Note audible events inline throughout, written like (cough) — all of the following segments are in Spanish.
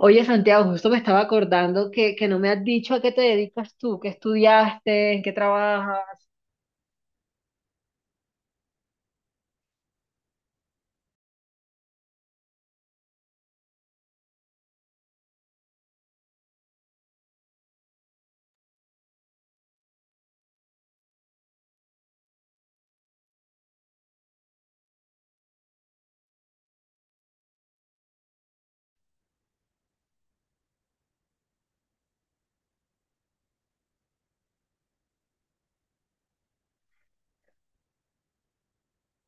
Oye, Santiago, justo me estaba acordando que no me has dicho a qué te dedicas tú, qué estudiaste, en qué trabajas.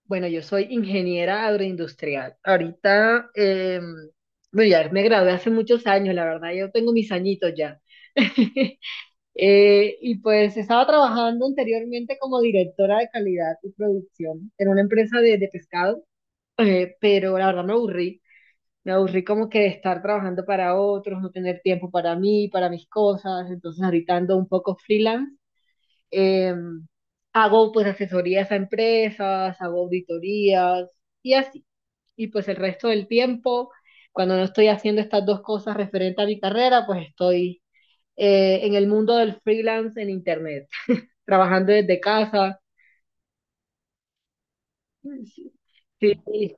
Bueno, yo soy ingeniera agroindustrial. Ahorita, bueno, ya me gradué hace muchos años, la verdad, yo tengo mis añitos ya. (laughs) Y pues estaba trabajando anteriormente como directora de calidad y producción en una empresa de pescado, pero la verdad me aburrí. Me aburrí como que de estar trabajando para otros, no tener tiempo para mí, para mis cosas. Entonces ahorita ando un poco freelance. Eh, Hago pues asesorías a empresas, hago auditorías y así. Y pues el resto del tiempo, cuando no estoy haciendo estas dos cosas referente a mi carrera, pues estoy en el mundo del freelance en internet, trabajando desde casa. Sí, sí.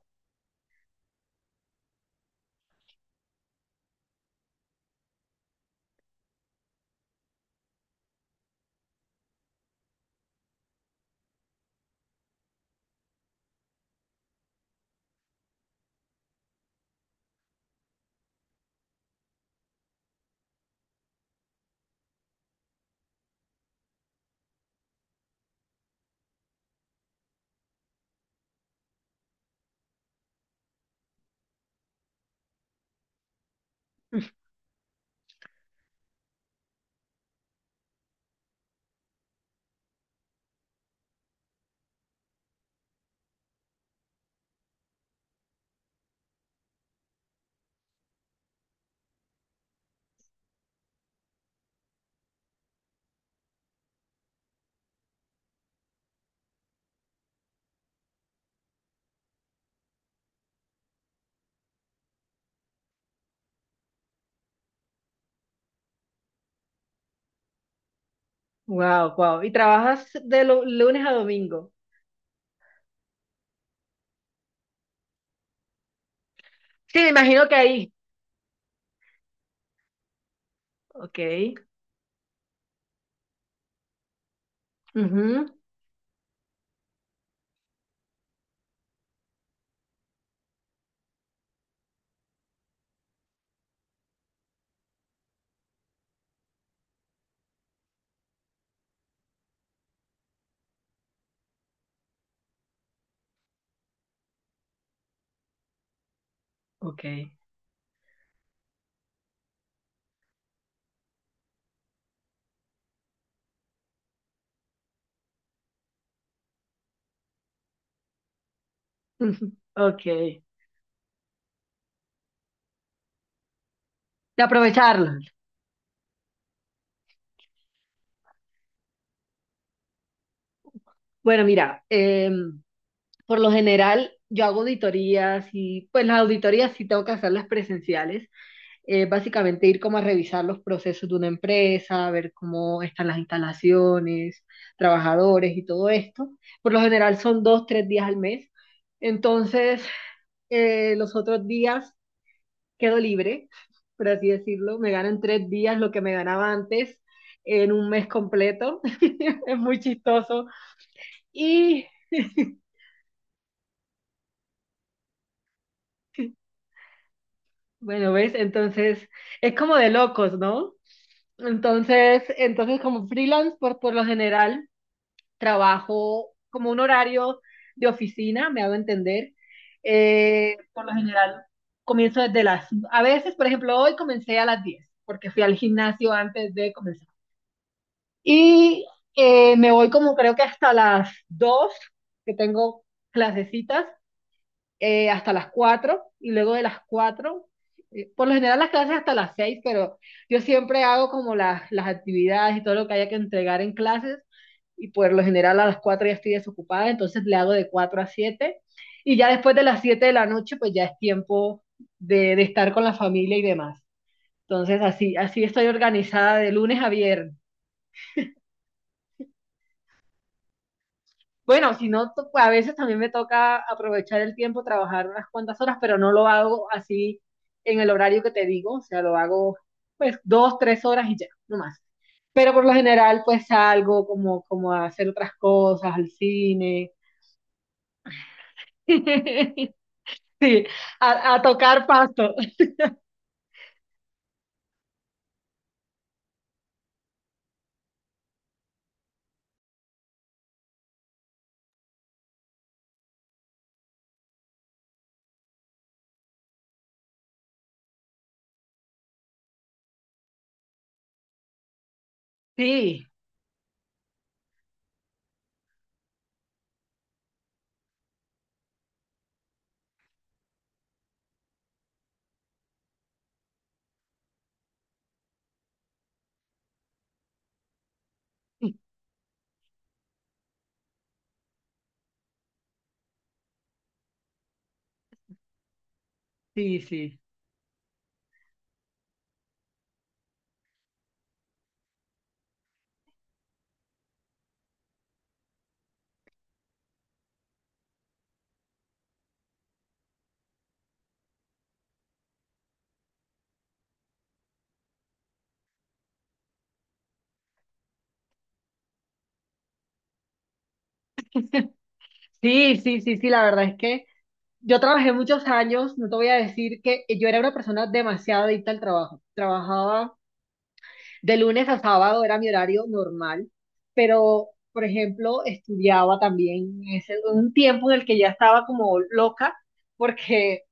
Wow, wow. ¿Y trabajas de lunes a domingo? Sí, me imagino que ahí. Ok. Ujú, ok. Ujú. Ok. De aprovecharlas. Bueno, mira, por lo general yo hago auditorías y pues las auditorías sí tengo que hacerlas presenciales. Básicamente ir como a revisar los procesos de una empresa, ver cómo están las instalaciones, trabajadores y todo esto. Por lo general son 2, 3 días al mes. Entonces, los otros días quedo libre, por así decirlo. Me gano en 3 días lo que me ganaba antes en un mes completo. (laughs) Es muy chistoso. Y bueno, ¿ves? Entonces, es como de locos, ¿no? Entonces como freelance, por lo general, trabajo como un horario de oficina, me hago entender. Por lo general, a veces, por ejemplo, hoy comencé a las 10 porque fui al gimnasio antes de, y me voy como creo que hasta las 2 que tengo clasecitas, hasta las 4 y luego de las 4 por lo general las clases hasta las 6, pero yo siempre hago como las actividades y todo lo que haya que entregar en clases, y por lo general a las 4 ya estoy desocupada, entonces le hago de 4 a 7, y ya después de las 7 de la noche pues ya es tiempo de estar con la familia y demás. Entonces así, así estoy organizada de lunes a viernes. Bueno, si no, a veces también me toca aprovechar el tiempo, trabajar unas cuantas horas, pero no lo hago así en el horario que te digo, o sea, lo hago pues 2, 3 horas y ya, no más. Pero por lo general pues salgo como, como a hacer otras cosas, al cine, (laughs) sí, a tocar pasto, sí. Sí, sí. Sí, sí, sí, sí, la verdad es que yo trabajé muchos años, no te voy a decir que yo era una persona demasiado adicta al trabajo. Trabajaba de lunes a sábado era mi horario normal, pero, por ejemplo, estudiaba también. Es un tiempo en el que ya estaba como loca porque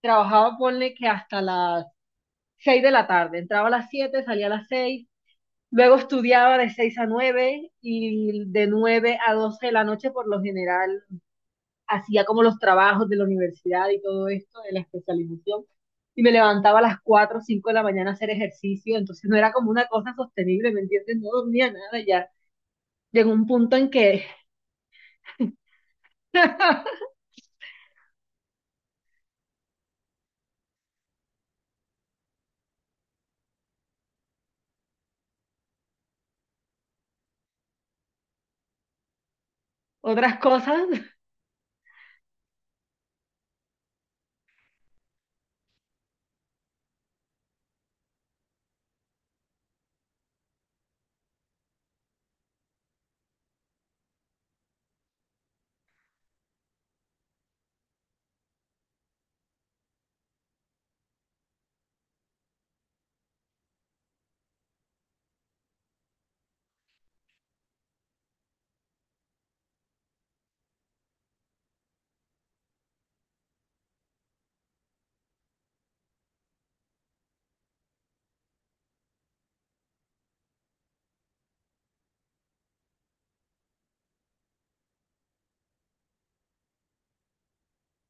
trabajaba, ponle que hasta las 6 de la tarde. Entraba a las 7, salía a las 6. Luego estudiaba de 6 a 9 y de 9 a 12 de la noche. Por lo general hacía como los trabajos de la universidad y todo esto, de la especialización, y me levantaba a las 4 o 5 de la mañana a hacer ejercicio, entonces no era como una cosa sostenible, ¿me entiendes? No dormía nada, ya llegó un punto en que (laughs) otras cosas.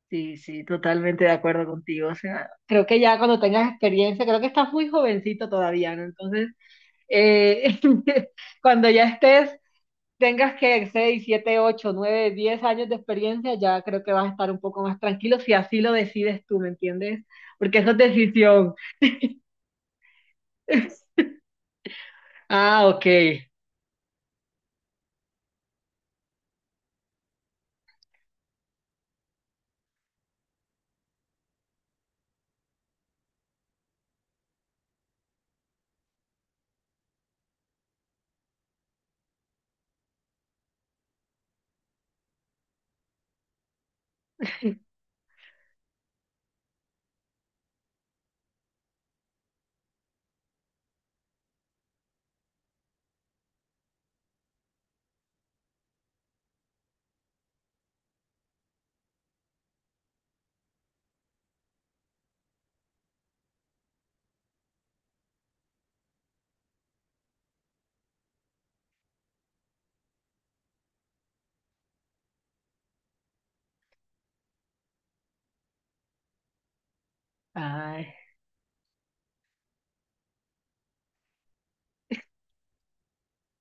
Sí, sí, totalmente de acuerdo contigo. O sea, creo que ya cuando tengas experiencia, creo que estás muy jovencito todavía, ¿no? Entonces, eh, (laughs) cuando ya estés tengas que 6, 7, 8, 9, 10 años de experiencia, ya creo que vas a estar un poco más tranquilo si así lo decides tú, ¿me entiendes? Porque eso es decisión. (laughs) Ah, ok. Ay,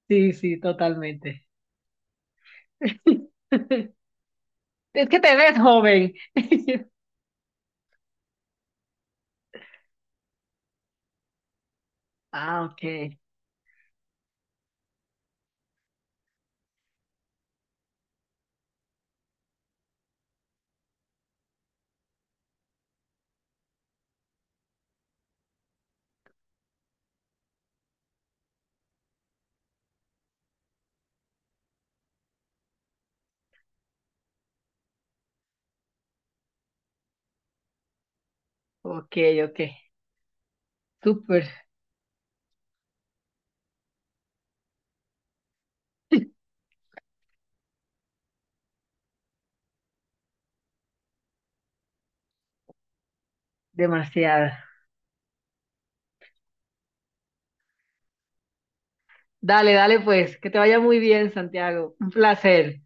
sí, sí, totalmente. (laughs) Es que te ves joven. (laughs) Ah, ok, ok, ok. Súper, demasiado. Dale, dale, pues, que te vaya muy bien, Santiago. Un placer.